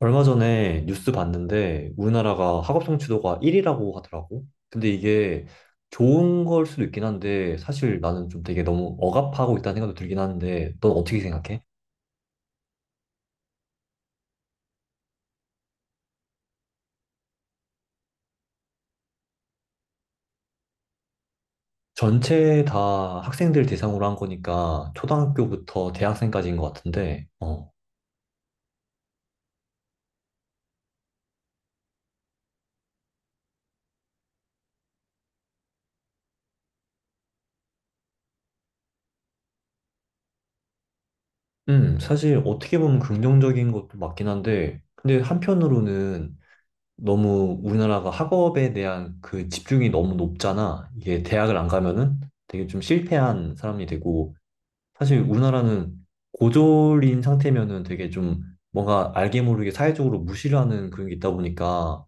얼마 전에 뉴스 봤는데 우리나라가 학업 성취도가 1위라고 하더라고. 근데 이게 좋은 걸 수도 있긴 한데 사실 나는 좀 되게 너무 억압하고 있다는 생각도 들긴 하는데 넌 어떻게 생각해? 전체 다 학생들 대상으로 한 거니까 초등학교부터 대학생까지인 것 같은데, 어. 사실 어떻게 보면 긍정적인 것도 맞긴 한데, 근데 한편으로는 너무 우리나라가 학업에 대한 그 집중이 너무 높잖아. 이게 대학을 안 가면은 되게 좀 실패한 사람이 되고, 사실 우리나라는 고졸인 상태면은 되게 좀 뭔가 알게 모르게 사회적으로 무시를 하는 그런 게 있다 보니까,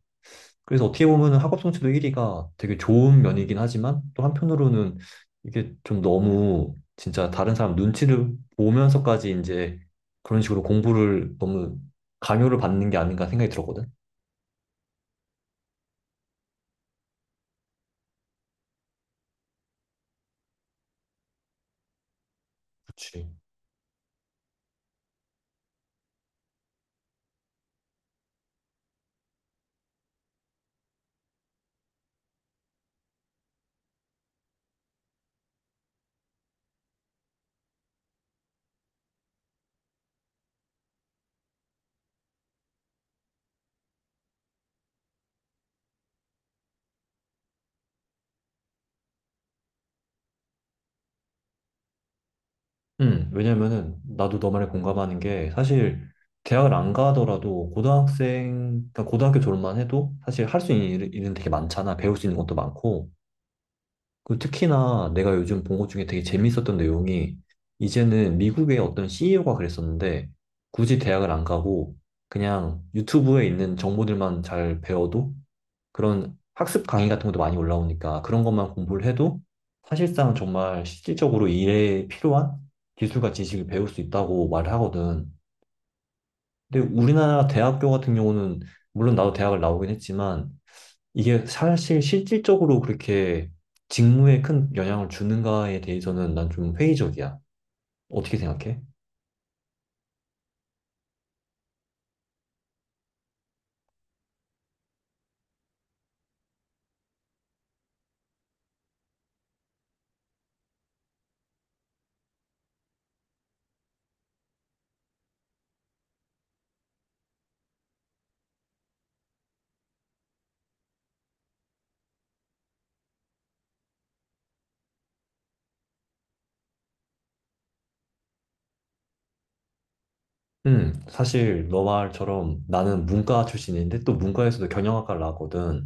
그래서 어떻게 보면은 학업 성취도 1위가 되게 좋은 면이긴 하지만, 또 한편으로는 이게 좀 너무 진짜 다른 사람 눈치를 보면서까지 이제 그런 식으로 공부를 너무 강요를 받는 게 아닌가 생각이 들었거든. 그치. 왜냐면은 나도 너만에 공감하는 게 사실 대학을 안 가더라도 고등학생, 그러니까 고등학교 졸업만 해도 사실 할 수 있는 일은 되게 많잖아. 배울 수 있는 것도 많고. 그 특히나 내가 요즘 본 것 중에 되게 재밌었던 내용이 이제는 미국의 어떤 CEO가 그랬었는데 굳이 대학을 안 가고 그냥 유튜브에 있는 정보들만 잘 배워도 그런 학습 강의 같은 것도 많이 올라오니까 그런 것만 공부를 해도 사실상 정말 실질적으로 일에 필요한 기술과 지식을 배울 수 있다고 말을 하거든. 근데 우리나라 대학교 같은 경우는 물론 나도 대학을 나오긴 했지만 이게 사실 실질적으로 그렇게 직무에 큰 영향을 주는가에 대해서는 난 좀 회의적이야. 어떻게 생각해? 사실 너 말처럼 나는 문과 출신인데 또 문과에서도 경영학과를 나왔거든.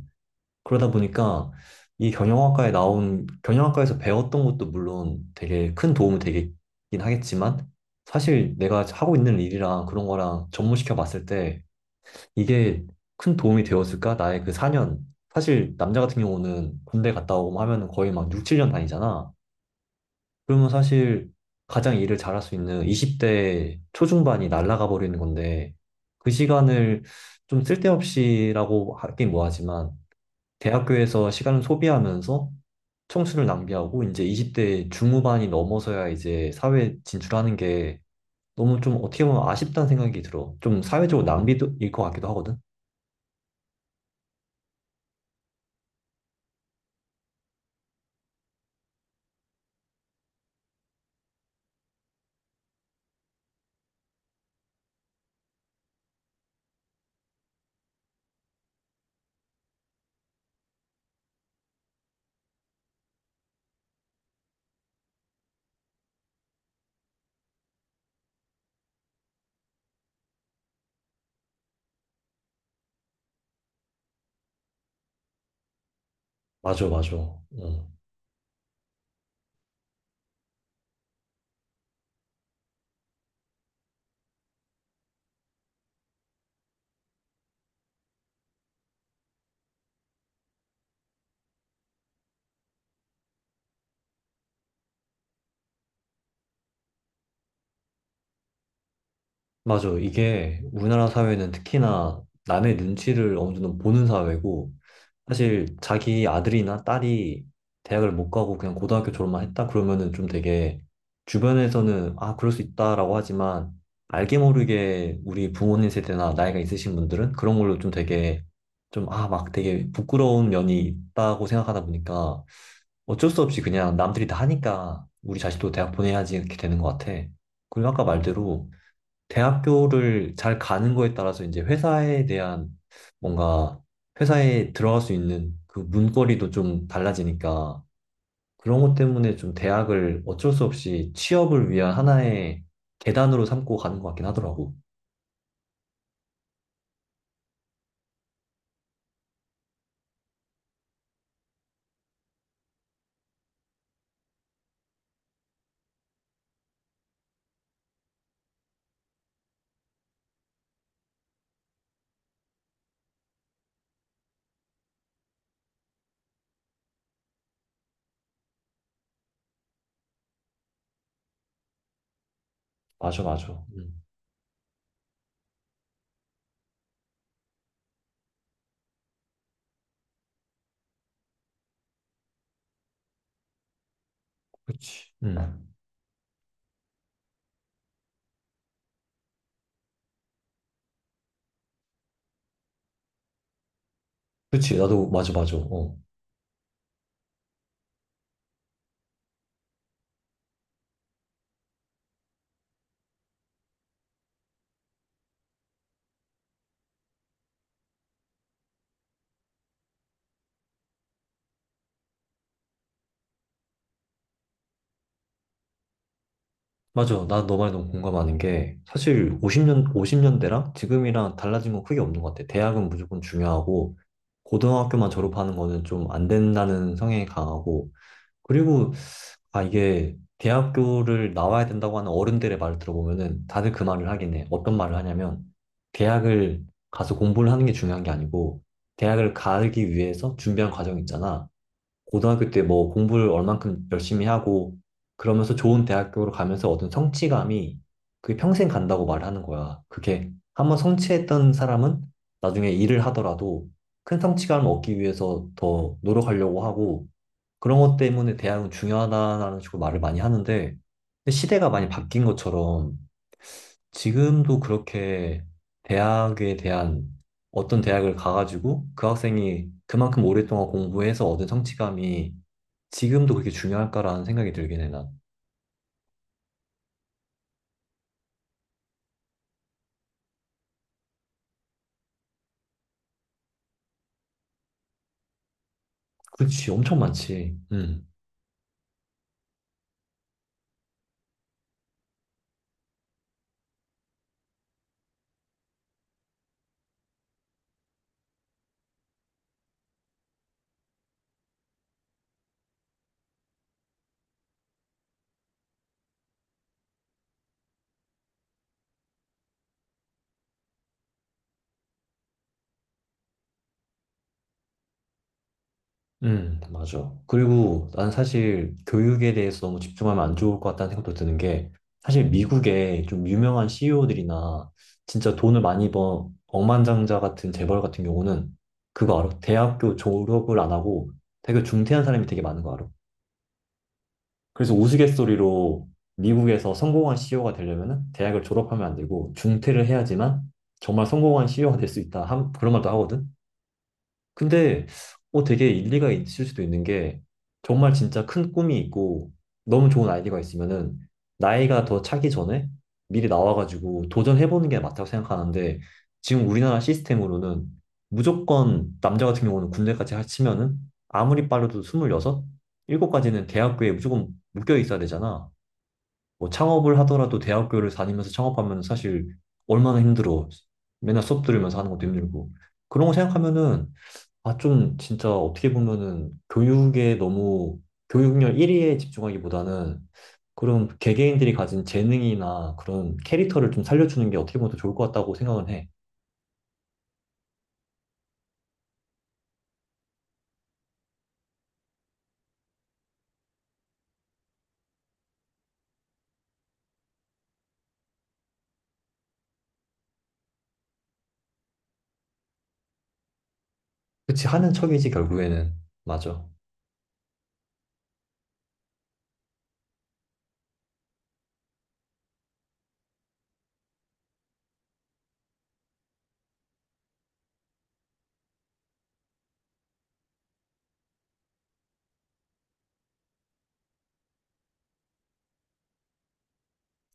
그러다 보니까 이 경영학과에서 배웠던 것도 물론 되게 큰 도움이 되긴 하겠지만, 사실 내가 하고 있는 일이랑 그런 거랑 접목시켜 봤을 때 이게 큰 도움이 되었을까? 나의 그 4년. 사실 남자 같은 경우는 군대 갔다 오고 하면 거의 막 6, 7년 다니잖아. 그러면 사실 가장 일을 잘할 수 있는 20대 초중반이 날아가 버리는 건데, 그 시간을 좀 쓸데없이라고 하긴 뭐하지만, 대학교에서 시간을 소비하면서 청춘을 낭비하고 이제 20대 중후반이 넘어서야 이제 사회 진출하는 게 너무 좀 어떻게 보면 아쉽다는 생각이 들어. 좀 사회적으로 낭비도 일 것 같기도 하거든. 맞아, 맞아. 어. 맞아. 이게 우리나라 사회는 특히나 남의 눈치를 어느 정도 보는 사회고, 사실 자기 아들이나 딸이 대학을 못 가고 그냥 고등학교 졸업만 했다 그러면은 좀 되게 주변에서는 아, 그럴 수 있다라고 하지만 알게 모르게 우리 부모님 세대나 나이가 있으신 분들은 그런 걸로 좀 되게 좀 아, 막 되게 부끄러운 면이 있다고 생각하다 보니까 어쩔 수 없이 그냥 남들이 다 하니까 우리 자식도 대학 보내야지 이렇게 되는 것 같아. 그리고 아까 말대로 대학교를 잘 가는 거에 따라서 이제 회사에 대한 뭔가 회사에 들어갈 수 있는 그 문거리도 좀 달라지니까 그런 것 때문에 좀 대학을 어쩔 수 없이 취업을 위한 하나의 계단으로 삼고 가는 것 같긴 하더라고. 맞아, 맞아. 음. 그치. 음. 그치. 나도 맞아, 맞아. 어. 맞아. 나 너 말에 너무 공감하는 게 사실 50년대랑 지금이랑 달라진 건 크게 없는 것 같아. 대학은 무조건 중요하고 고등학교만 졸업하는 거는 좀 안 된다는 성향이 강하고 그리고 아 이게 대학교를 나와야 된다고 하는 어른들의 말을 들어보면은 다들 그 말을 하긴 해. 어떤 말을 하냐면 대학을 가서 공부를 하는 게 중요한 게 아니고 대학을 가기 위해서 준비한 과정이 있잖아. 고등학교 때 뭐 공부를 얼만큼 열심히 하고 그러면서 좋은 대학교로 가면서 얻은 성취감이 그게 평생 간다고 말하는 거야. 그게 한번 성취했던 사람은 나중에 일을 하더라도 큰 성취감을 얻기 위해서 더 노력하려고 하고 그런 것 때문에 대학은 중요하다라는 식으로 말을 많이 하는데 근데 시대가 많이 바뀐 것처럼 지금도 그렇게 대학에 대한 어떤 대학을 가가지고 그 학생이 그만큼 오랫동안 공부해서 얻은 성취감이 지금도 그렇게 중요할까라는 생각이 들긴 해, 난. 그렇지, 엄청 많지. 음. 맞아. 그리고 난 사실 교육에 대해서 너무 집중하면 안 좋을 것 같다는 생각도 드는 게 사실 미국에 좀 유명한 CEO들이나 진짜 돈을 많이 번 억만장자 같은 재벌 같은 경우는 그거 알아? 대학교 졸업을 안 하고 되게 중퇴한 사람이 되게 많은 거 알아? 그래서 우스갯소리로 미국에서 성공한 CEO가 되려면은 대학을 졸업하면 안 되고 중퇴를 해야지만 정말 성공한 CEO가 될 수 있다. 그런 말도 하거든. 근데 어 되게 일리가 있을 수도 있는 게 정말 진짜 큰 꿈이 있고 너무 좋은 아이디어가 있으면은 나이가 더 차기 전에 미리 나와가지고 도전해보는 게 맞다고 생각하는데 지금 우리나라 시스템으로는 무조건 남자 같은 경우는 군대까지 합치면은 아무리 빨라도 26, 7까지는 대학교에 무조건 묶여 있어야 되잖아. 뭐 창업을 하더라도 대학교를 다니면서 창업하면 사실 얼마나 힘들어. 맨날 수업 들으면서 하는 것도 힘들고. 그런 거 생각하면은 아, 좀 진짜 어떻게 보면은 교육에 너무 교육열 1위에 집중하기보다는 그런 개개인들이 가진 재능이나 그런 캐릭터를 좀 살려주는 게 어떻게 보면 더 좋을 것 같다고 생각은 해. 그치, 하는 척이지, 결국에는. 맞아.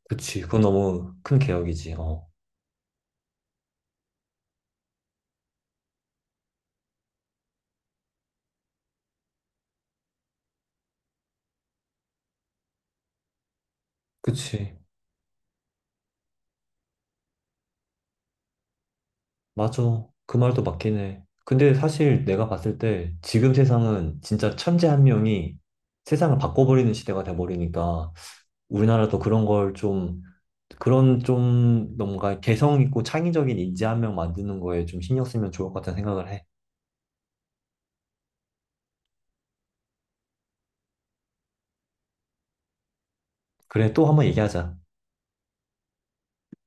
그치, 그건 너무 큰 개혁이지. 어. 그치, 맞아. 그 말도 맞긴 해. 근데 사실 내가 봤을 때 지금 세상은 진짜 천재 한 명이 세상을 바꿔버리는 시대가 돼버리니까 우리나라도 그런 걸 좀, 그런 좀 뭔가 개성 있고 창의적인 인재 한 명 만드는 거에 좀 신경 쓰면 좋을 것 같다는 생각을 해. 그래, 또 한번 얘기하자.